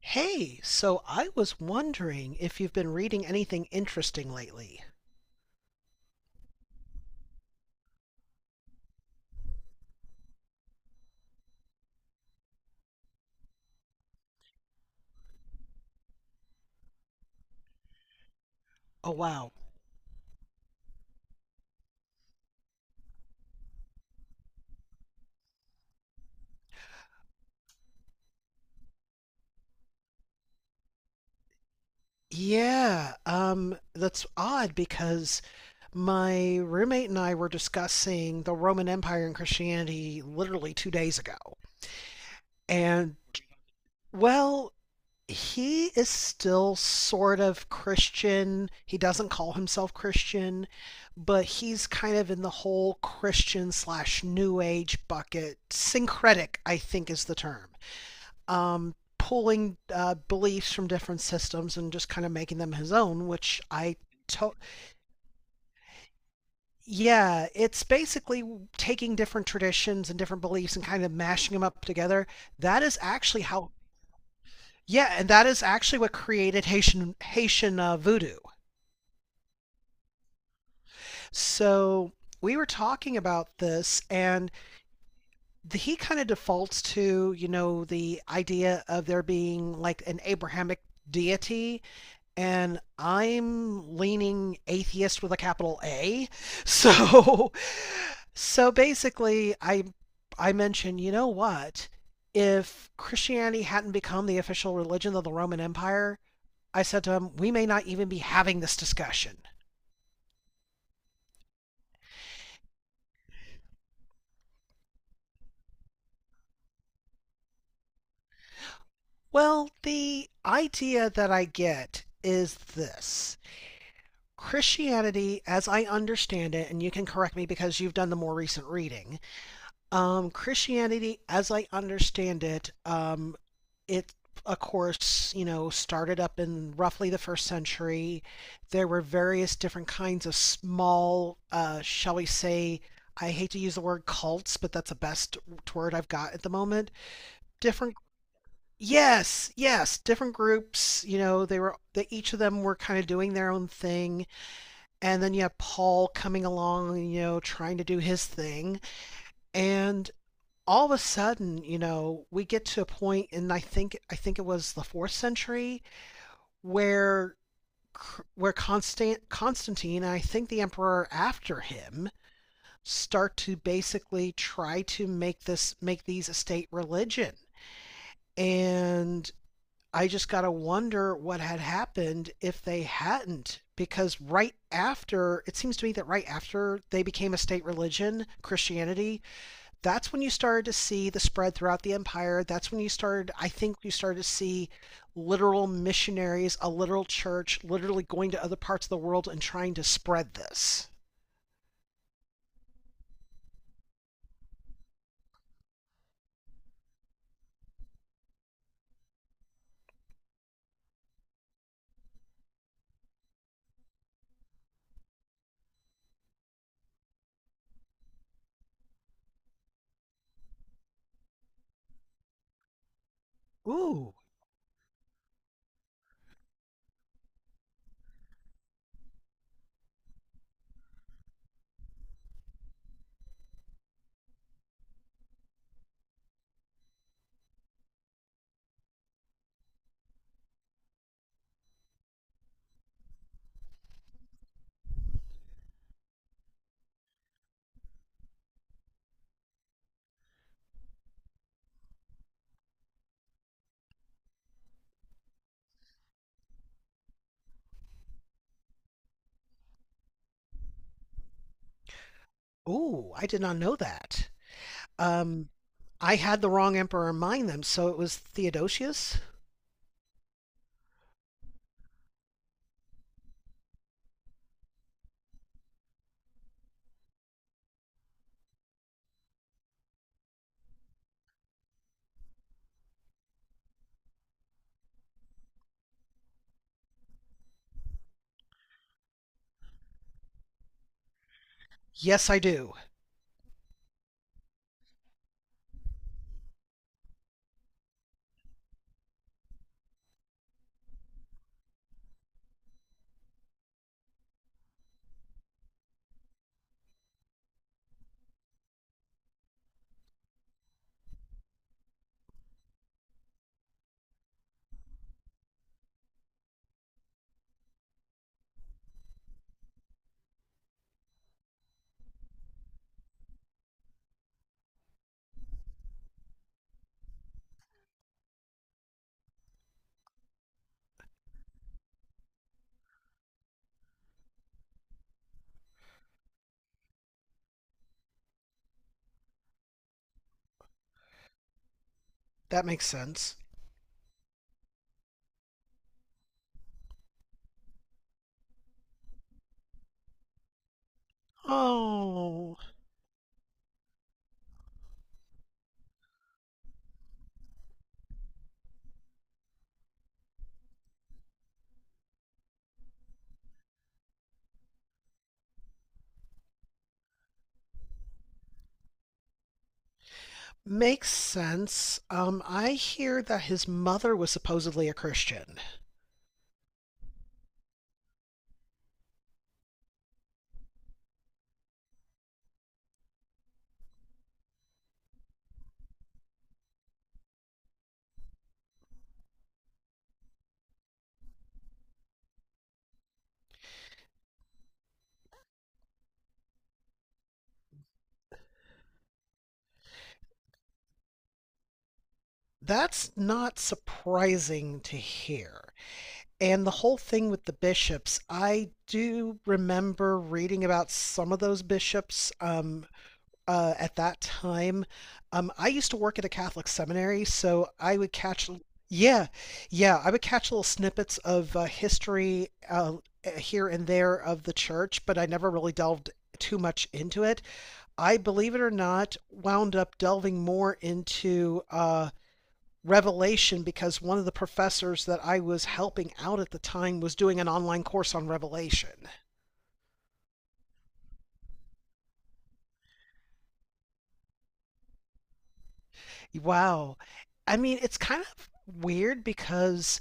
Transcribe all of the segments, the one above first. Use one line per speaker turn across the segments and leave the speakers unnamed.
Hey, so I was wondering if you've been reading anything interesting lately. Oh, wow. Yeah, that's odd because my roommate and I were discussing the Roman Empire and Christianity literally 2 days ago. And, well, he is still sort of Christian. He doesn't call himself Christian, but he's kind of in the whole Christian slash New Age bucket. Syncretic, I think, is the term. Pulling beliefs from different systems and just kind of making them his own, which I to- yeah, it's basically taking different traditions and different beliefs and kind of mashing them up together. That is actually how yeah, and that is actually what created Haitian voodoo. So we were talking about this, and he kind of defaults to you know the idea of there being like an Abrahamic deity, and I'm leaning atheist with a capital A. So so basically I mentioned, you know what? If Christianity hadn't become the official religion of the Roman Empire, I said to him, we may not even be having this discussion. Well, the idea that I get is this. Christianity, as I understand it, and you can correct me because you've done the more recent reading. Christianity, as I understand it, it of course, you know, started up in roughly the first century. There were various different kinds of small, shall we say, I hate to use the word cults, but that's the best word I've got at the moment. Different, yes, yes, different groups. You know, they were that each of them were kind of doing their own thing, and then you have Paul coming along, you know, trying to do his thing, and all of a sudden, you know, we get to a point, and I think it was the fourth century where where Constantine and I think the emperor after him start to basically try to make these a state religion. And I just got to wonder what had happened if they hadn't because right after, it seems to me that right after they became a state religion, Christianity, that's when you started to see the spread throughout the empire. That's when you started, I think you started to see literal missionaries, a literal church, literally going to other parts of the world and trying to spread this. Ooh, ooh, I did not know that. Um, I had the wrong emperor in mind then, so it was Theodosius? Yes, I do. That makes sense. Oh, makes sense. I hear that his mother was supposedly a Christian. That's not surprising to hear. And the whole thing with the bishops, I do remember reading about some of those bishops at that time. I used to work at a Catholic seminary, so I would catch, yeah, yeah, I would catch little snippets of history here and there of the church, but I never really delved too much into it. I, believe it or not, wound up delving more into Revelation because one of the professors that I was helping out at the time was doing an online course on Revelation. Wow. I mean, it's kind of weird because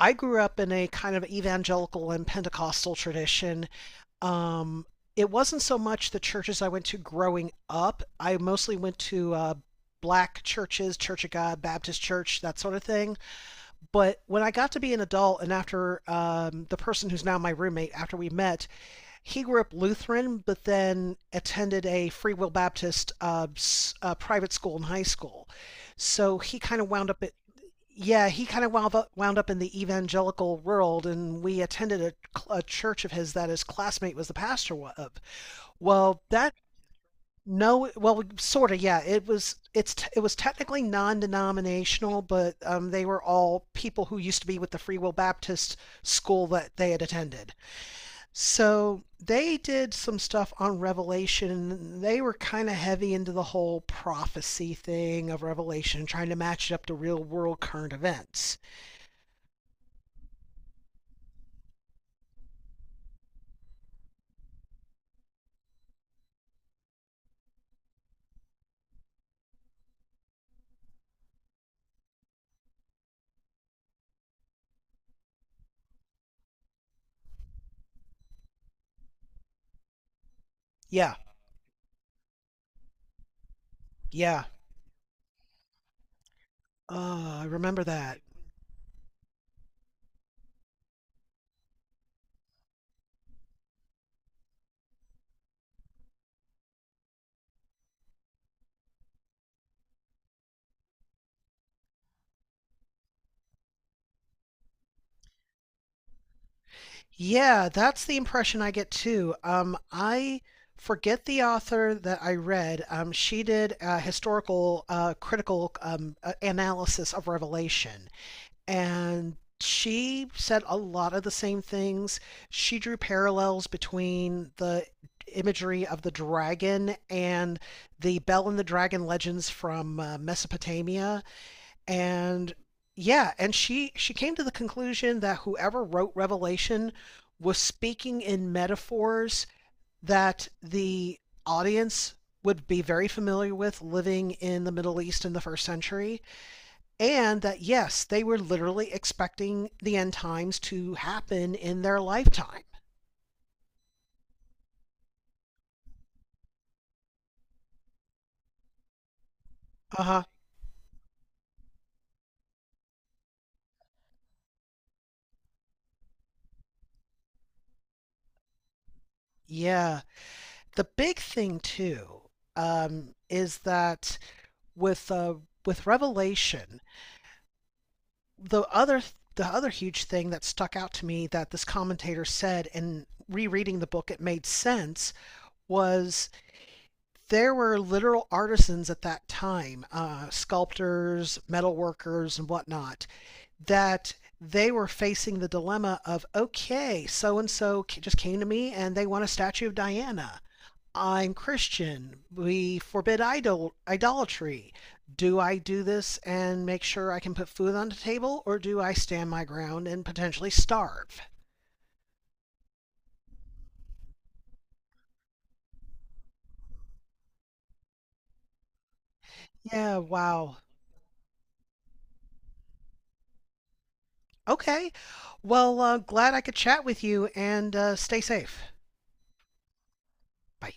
I grew up in a kind of evangelical and Pentecostal tradition. Um, it wasn't so much the churches I went to growing up. I mostly went to black churches, Church of God, Baptist Church, that sort of thing. But when I got to be an adult, and after the person who's now my roommate, after we met, he grew up Lutheran, but then attended a Free Will Baptist private school in high school. So he kind of wound up at yeah, he kind of wound up in the evangelical world, and we attended a church of his that his classmate was the pastor of. Well, that no, well, sort of, yeah. It was it's it was technically non-denominational, but they were all people who used to be with the Free Will Baptist school that they had attended. So they did some stuff on Revelation. They were kind of heavy into the whole prophecy thing of Revelation, trying to match it up to real world current events. Yeah, yeah. I remember that. Yeah, that's the impression I get too. I forget the author that I read. She did a historical, critical analysis of Revelation, and she said a lot of the same things. She drew parallels between the imagery of the dragon and the Bell and the Dragon legends from Mesopotamia, and yeah, and she came to the conclusion that whoever wrote Revelation was speaking in metaphors that the audience would be very familiar with living in the Middle East in the first century, and that yes, they were literally expecting the end times to happen in their lifetime. Uh huh. Yeah. The big thing too is that with uh, with Revelation, the other the other huge thing that stuck out to me that this commentator said, and rereading the book, it made sense, was there were literal artisans at that time, sculptors, metalworkers, and whatnot, that they were facing the dilemma of okay, so and so just came to me and they want a statue of Diana. I'm Christian. We forbid idolatry. Do I do this and make sure I can put food on the table, or do I stand my ground and potentially starve? Yeah, wow. Okay. Well, glad I could chat with you and stay safe. Bye.